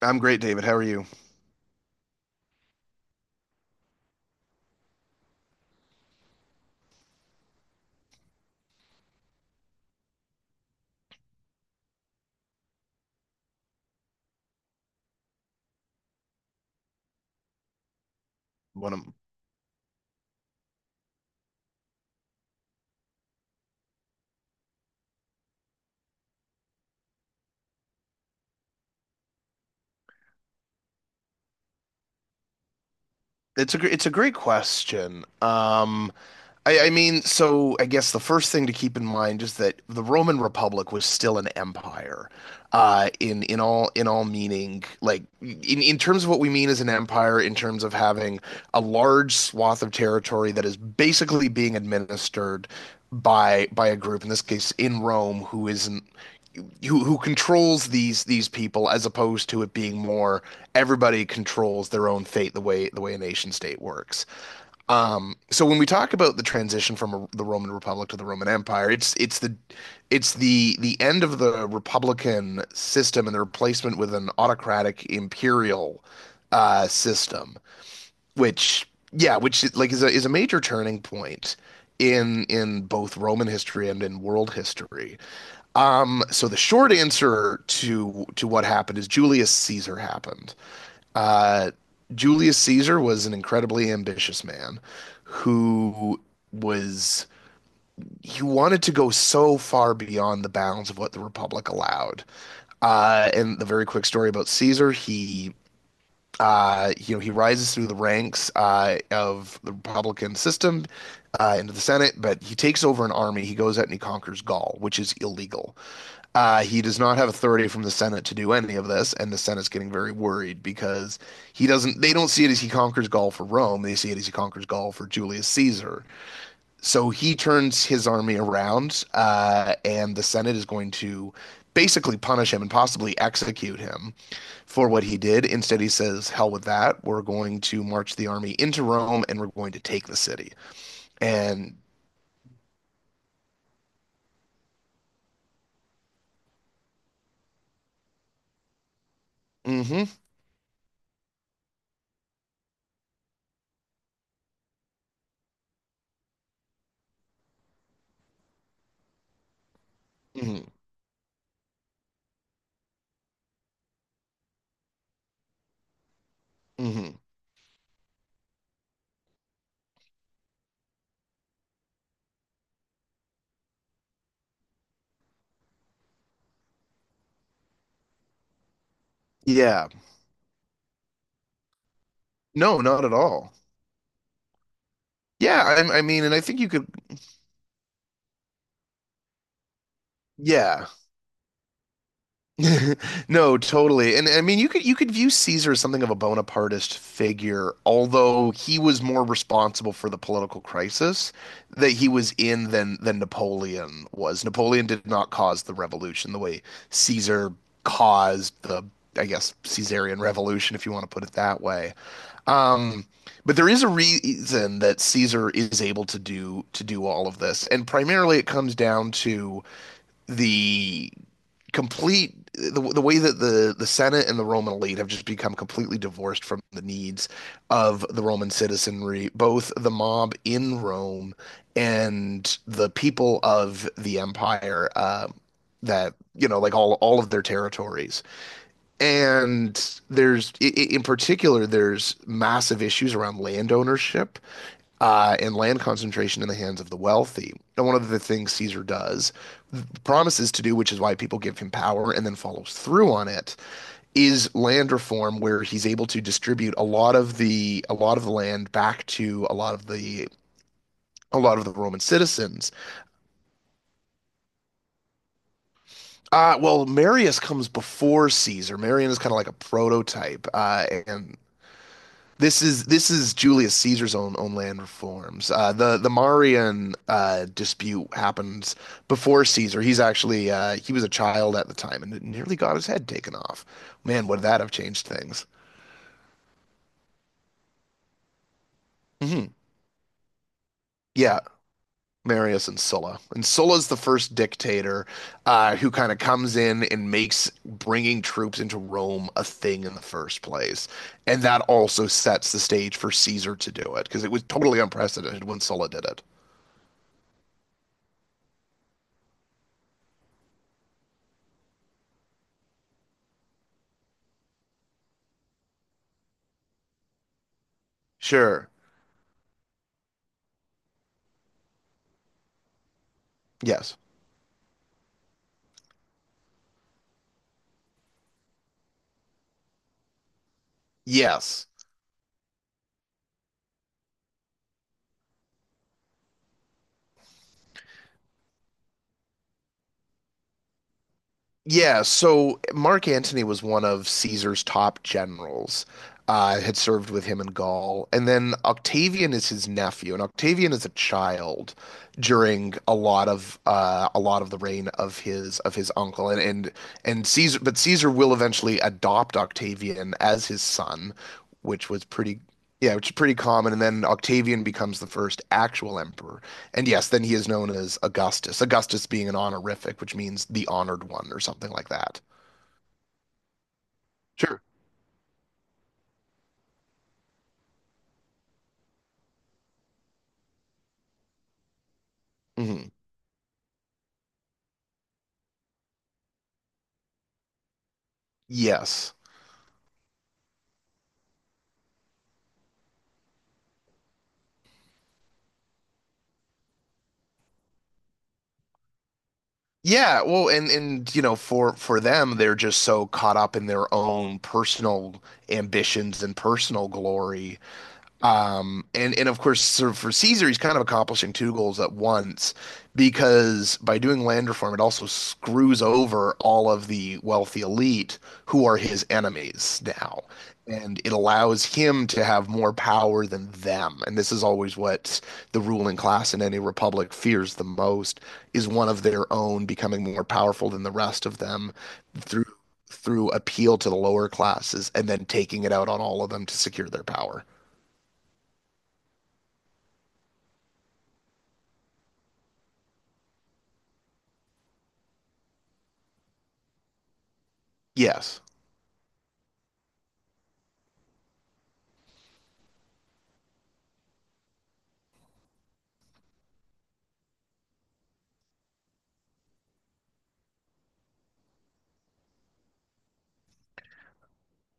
I'm great, David. How are you? One of, it's a great question. I mean, so I guess the first thing to keep in mind is that the Roman Republic was still an empire, in all meaning, like in terms of what we mean as an empire, in terms of having a large swath of territory that is basically being administered by a group, in this case in Rome, who isn't who controls these people as opposed to it being more everybody controls their own fate the way a nation state works. So when we talk about the transition from a, the Roman Republic to the Roman Empire, it's the end of the republican system and the replacement with an autocratic imperial system, which yeah, like is a major turning point in both Roman history and in world history. So the short answer to what happened is Julius Caesar happened. Uh, Julius Caesar was an incredibly ambitious man who was, he wanted to go so far beyond the bounds of what the Republic allowed. And the very quick story about Caesar, he you know, he rises through the ranks of the Republican system into the Senate, but he takes over an army. He goes out and he conquers Gaul, which is illegal. He does not have authority from the Senate to do any of this, and the Senate's getting very worried because he doesn't. They don't see it as he conquers Gaul for Rome. They see it as he conquers Gaul for Julius Caesar. So he turns his army around, and the Senate is going to basically punish him and possibly execute him for what he did. Instead, he says, "Hell with that. We're going to march the army into Rome and we're going to take the city." And hmm hmm hmm yeah, no, not at all. Yeah, I mean, and I think you could, yeah. No, totally. And I mean, you could view Caesar as something of a Bonapartist figure, although he was more responsible for the political crisis that he was in than Napoleon was. Napoleon did not cause the revolution the way Caesar caused the, I guess, Caesarian revolution, if you want to put it that way. Um, but there is a reason that Caesar is able to do all of this, and primarily it comes down to the the way that the Senate and the Roman elite have just become completely divorced from the needs of the Roman citizenry, both the mob in Rome and the people of the empire that you know like all of their territories. And there's in particular there's massive issues around land ownership and land concentration in the hands of the wealthy. And one of the things Caesar does, promises to do, which is why people give him power and then follows through on it, is land reform, where he's able to distribute a lot of the land back to a lot of the Roman citizens. Well, Marius comes before Caesar. Marius is kind of like a prototype, and this is this is Julius Caesar's own land reforms. The Marian dispute happens before Caesar. He's actually he was a child at the time and it nearly got his head taken off. Man, would that have changed things? hmm Yeah, Marius and Sulla. And Sulla's the first dictator who kind of comes in and makes bringing troops into Rome a thing in the first place. And that also sets the stage for Caesar to do it because it was totally unprecedented when Sulla did it. Sure. Yes. Yes. Yeah, so Mark Antony was one of Caesar's top generals, had served with him in Gaul. And then Octavian is his nephew, and Octavian is a child during a lot of the reign of his uncle. And Caesar but Caesar will eventually adopt Octavian as his son, which was pretty yeah, which is pretty common. And then Octavian becomes the first actual emperor. And yes, then he is known as Augustus. Augustus being an honorific, which means the honored one or something like that. Sure. Hmm. Yes. Yeah, well, and you know, for them, they're just so caught up in their own personal ambitions and personal glory. And of course, sort of for Caesar, he's kind of accomplishing two goals at once because by doing land reform, it also screws over all of the wealthy elite who are his enemies now, and it allows him to have more power than them. And this is always what the ruling class in any republic fears the most is one of their own becoming more powerful than the rest of them through through appeal to the lower classes and then taking it out on all of them to secure their power. Yes.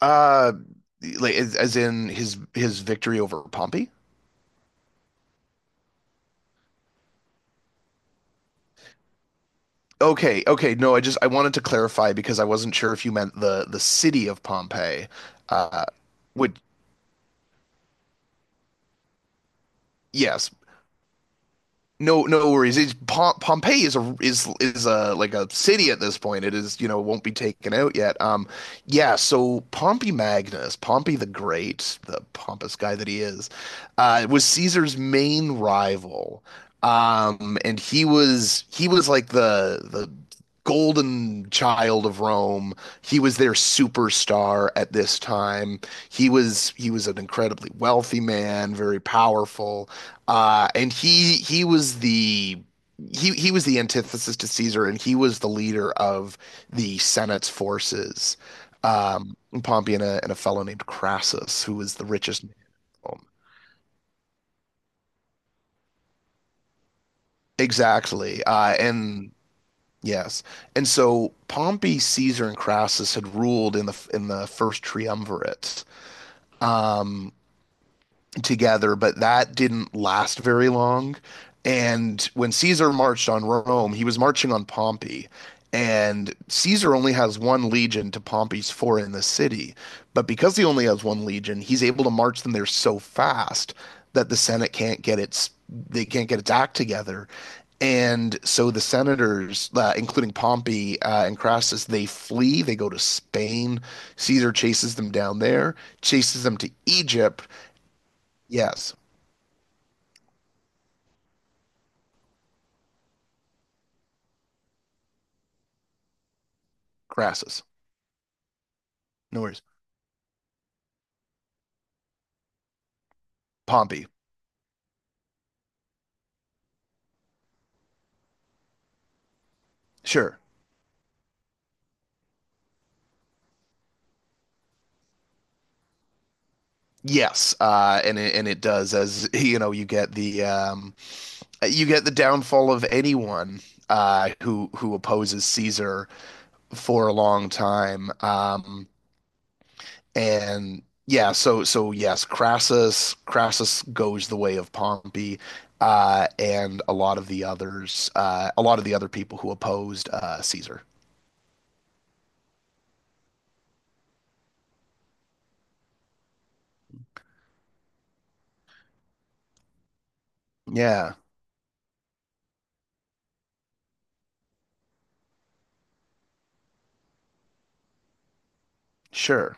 Uh, like as in his victory over Pompey? Okay, okay. No, I just I wanted to clarify because I wasn't sure if you meant the city of Pompeii. Uh, would yes, No, no worries. It's Pompeii is a is is a like a city at this point. It is, you know, won't be taken out yet. Yeah. So Pompey Magnus, Pompey the Great, the pompous guy that he is, was Caesar's main rival. And he was like the golden child of Rome. He was their superstar at this time. He was an incredibly wealthy man, very powerful. And he was the antithesis to Caesar, and he was the leader of the Senate's forces. Um, Pompey and a fellow named Crassus, who was the richest man in Rome. Exactly. Yes, and so Pompey, Caesar, and Crassus had ruled in the first triumvirate together, but that didn't last very long. And when Caesar marched on Rome, he was marching on Pompey. And Caesar only has one legion to Pompey's four in the city. But because he only has one legion, he's able to march them there so fast that they can't get its act together. And so the senators, including Pompey and Crassus, they flee. They go to Spain. Caesar chases them down there, chases them to Egypt. Yes. Crassus. No worries. Pompey. Sure. Yes, and it does as you know you get the downfall of anyone who opposes Caesar for a long time, and yeah, so so yes, Crassus goes the way of Pompey, and a lot of the others, a lot of the other people who opposed Caesar. Yeah, sure.